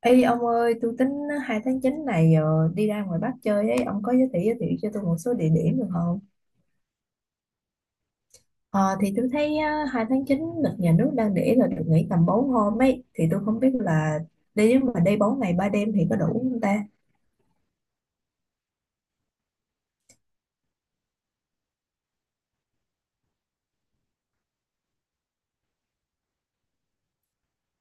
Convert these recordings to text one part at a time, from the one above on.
Ê ông ơi, tôi tính 2 tháng 9 này đi ra ngoài Bắc chơi ấy, ông có giới thiệu cho tôi một số địa điểm được không? Ờ, thì tôi thấy 2 tháng 9 lịch nhà nước đang để là được nghỉ tầm 4 hôm ấy, thì tôi không biết là đi, nếu mà đi 4 ngày 3 đêm thì có đủ không ta?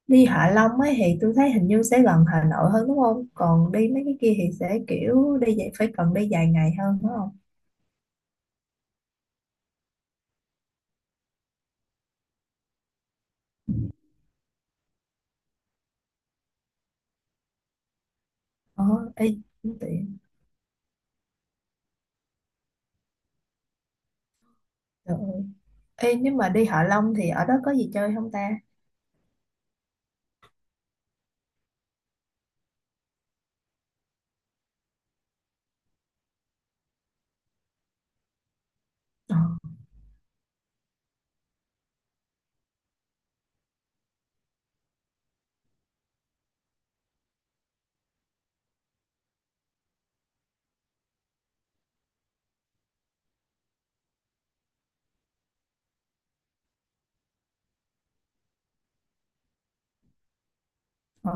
Đi Hạ Long ấy thì tôi thấy hình như sẽ gần Hà Nội hơn đúng không? Còn đi mấy cái kia thì sẽ kiểu đi vậy, phải cần đi dài ngày hơn đúng không? Ờ, ê, cũng tiện. Trời ơi. Ê, nếu mà đi Hạ Long thì ở đó có gì chơi không ta? Ờ, ờ,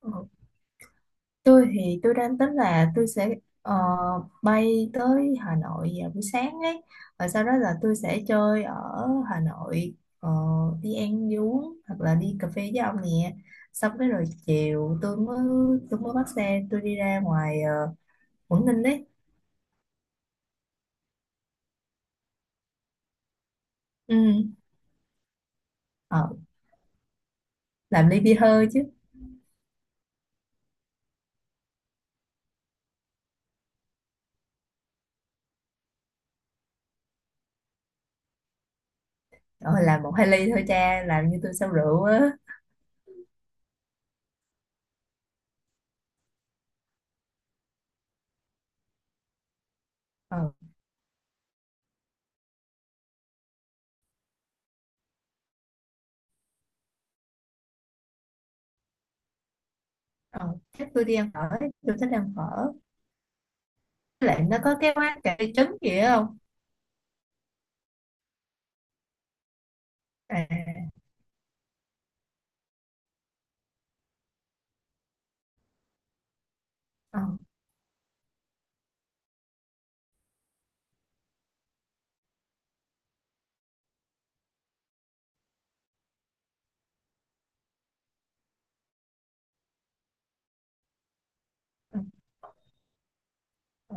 ờ. Tôi thì tôi đang tính là tôi sẽ ờ, bay tới Hà Nội vào buổi sáng ấy, và sau đó là tôi sẽ chơi ở Hà Nội, ờ, đi ăn đi uống hoặc là đi cà phê với ông nè. Xong cái rồi chiều tôi mới bắt xe tôi đi ra ngoài uh, Quảng Ninh đấy. Ừ. Ờ, làm ly bia hơi chứ. Ờ, làm một hai ly thôi cha, làm như tôi sao rượu á. Ờ, ờ. Chắc tôi đi ăn phở ấy. Tôi thích ăn phở. Với lại nó có cái quán cà phê trứng gì đó không? À. Ờ. Ờ,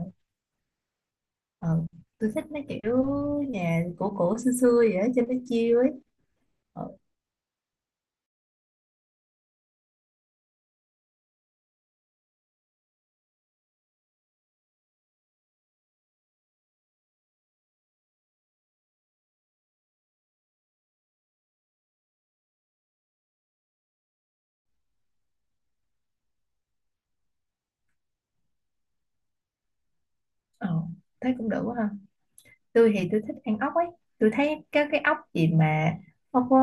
ờ, tôi thích mấy kiểu nhà cổ cổ xưa xưa vậy đó, cho nó chill ấy. Ờ, ờ, thấy cũng được quá ha. Tôi thì tôi thích ăn ốc ấy, tôi thấy cái ốc gì mà ốc,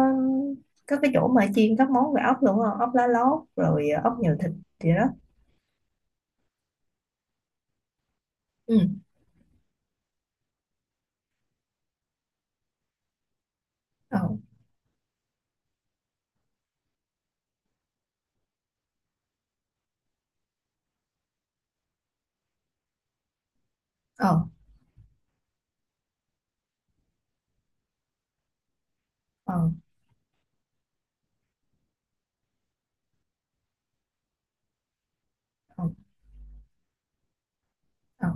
có cái chỗ mà chiên các món về ốc luôn á, ốc lá lốt rồi ốc nhiều thịt gì đó. Ừ. Ờ. Ờ. Ờ. Ờ. Ờ.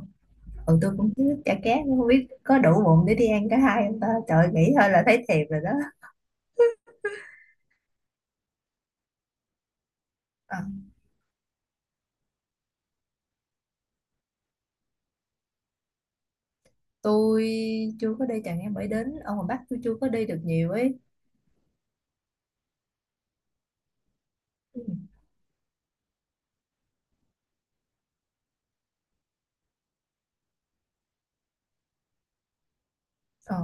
Ừ, tôi cũng thích chả cá nhưng không biết có đủ bụng để đi ăn cả hai không ta, trời, nghĩ thôi là thấy thèm rồi đó. Ờ, tôi chưa có đi Trà Nghe, mới đến ở ngoài Bắc tôi chưa có đi được nhiều ấy. Ừ. Ờ,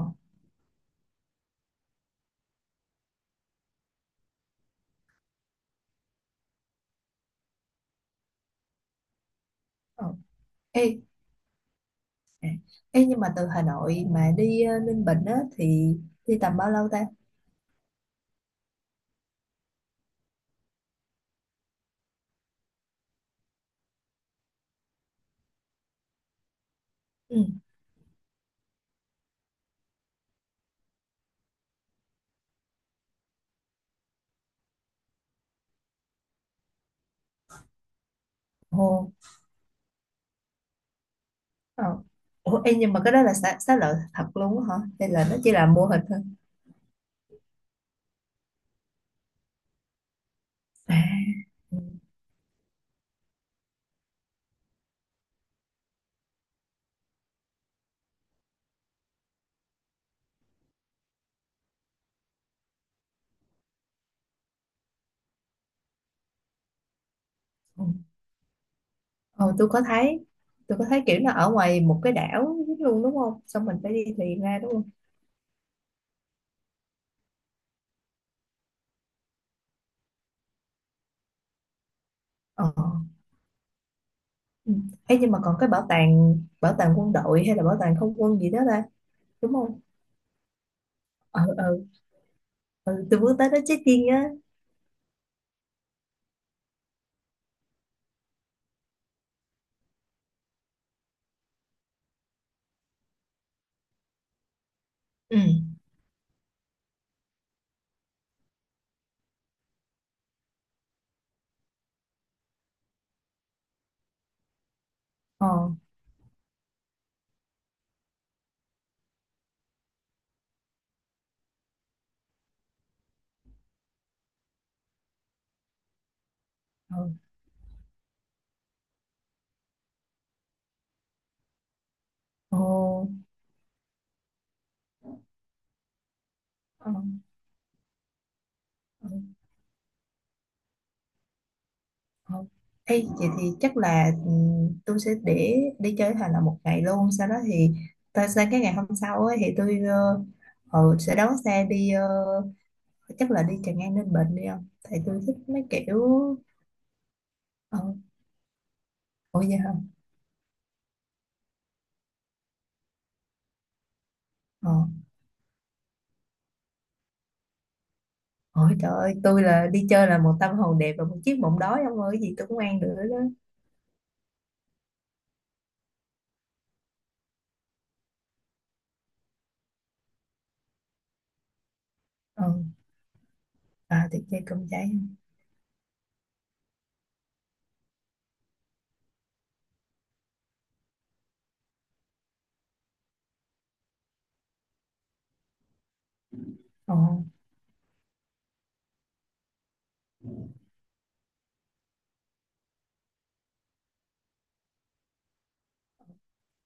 ờ. Ê, à, ê, nhưng mà từ Hà Nội mà đi Ninh Bình á thì đi tầm bao lâu ta? Ừ. Ồ, ờ. Ủa, ê, nhưng mà cái đó là xá lợi thật luôn á hả? Hay là nó chỉ là mô hình thôi? À, ừ, ừ. Ờ, tôi có thấy kiểu nó ở ngoài một cái đảo luôn đúng không? Xong mình phải đi thuyền ra đúng không? Ờ. Ừ. Ê, nhưng mà còn cái bảo tàng quân đội hay là bảo tàng không quân gì đó ta? Đúng không? Ờ, ờ, ừ. Ừ, tôi muốn tới đó check-in á. Ừ. Ờ. Ờ. Ồ, ờ, ờ, ờ. Ê, vậy thì chắc là tôi sẽ để chơi thành là một ngày luôn, sau đó thì tôi sang cái ngày hôm sau ấy, thì tôi, sẽ đón xe đi, chắc là đi Tràng An Ninh Bình đi không, tại tôi thích mấy kiểu. Ờ, ủa vậy hả. Ờ, ờ, trời ơi tôi là đi chơi là một tâm hồn đẹp và một chiếc bụng đói ông ơi, cái gì tôi cũng ăn được đó. Ờ, à, thì chơi cơm cháy. Ờ.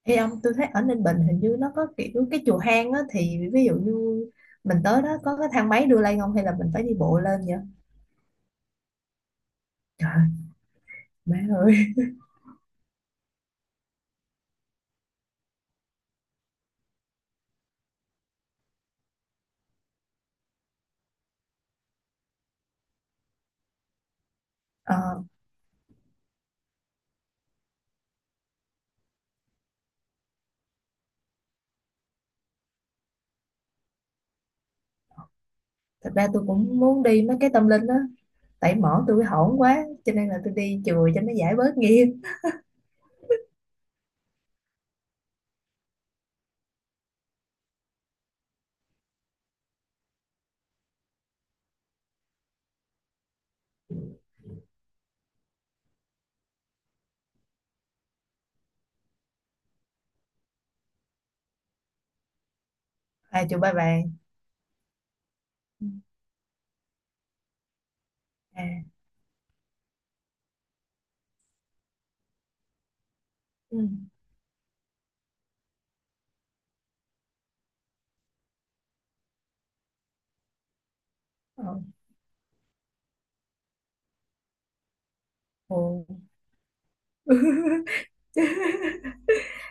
Ê ông, tôi thấy ở Ninh Bình hình như nó có kiểu cái chùa hang á, thì ví dụ như mình tới đó có cái thang máy đưa lên không hay là mình phải đi bộ lên vậy? Trời, má ơi. Ờ, thật ra tôi cũng muốn đi mấy cái tâm linh á, tại mỏ tôi hổn quá cho nên là tôi đi chùa cho nó giải bớt nghiệp. À, chùa Ba Vàng. Ừ. À. Ừ. Ờ. Ồ.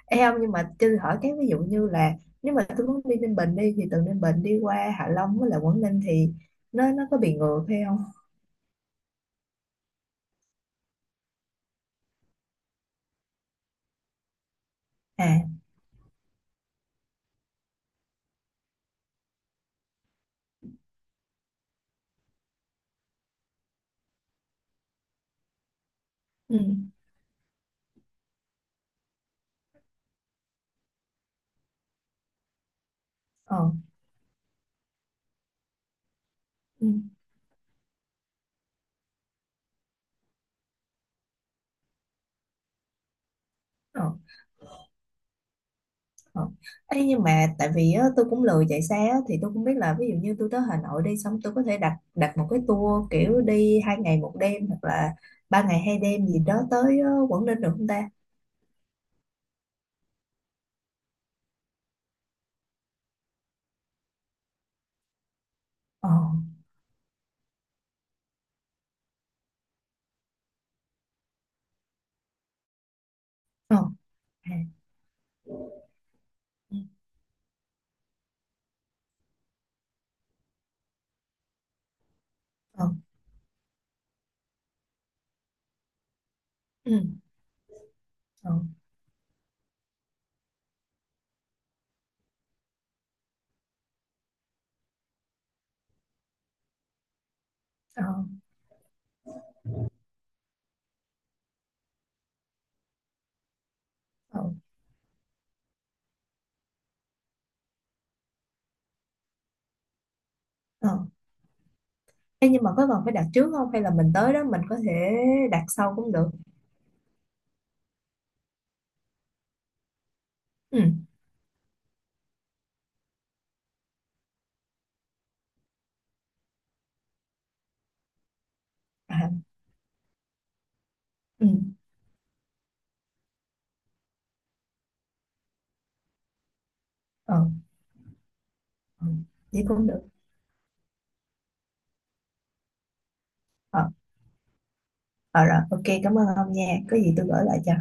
Ê ông, nhưng mà cho tôi hỏi, cái ví dụ như là nếu mà tôi muốn đi Ninh Bình đi, thì từ Ninh Bình đi qua Hạ Long với lại Quảng Ninh thì nó có bị ngược hay không? À. Ừ. Ờ. Ừ. Ờ. Ờ. Ê, nhưng mà tại vì á, tôi cũng lười chạy xe á, thì tôi không biết là ví dụ như tôi tới Hà Nội đi xong, tôi có thể đặt đặt một cái tour kiểu đi 2 ngày 1 đêm hoặc là 3 ngày 2 đêm gì đó tới Quảng Ninh được không ta? Ờ, ờ, à, ừ, ờ, ừ, ờ, ờ, ờ, ờ. Ê, nhưng mà có cần phải đặt trước không hay là mình tới đó mình có thể đặt sau cũng được? Ừ, à, ừ, ờ, ừ, vậy cũng được. Ờ, ờ rồi, ok, cảm ơn ông nha. Có gì tôi gửi lại cho.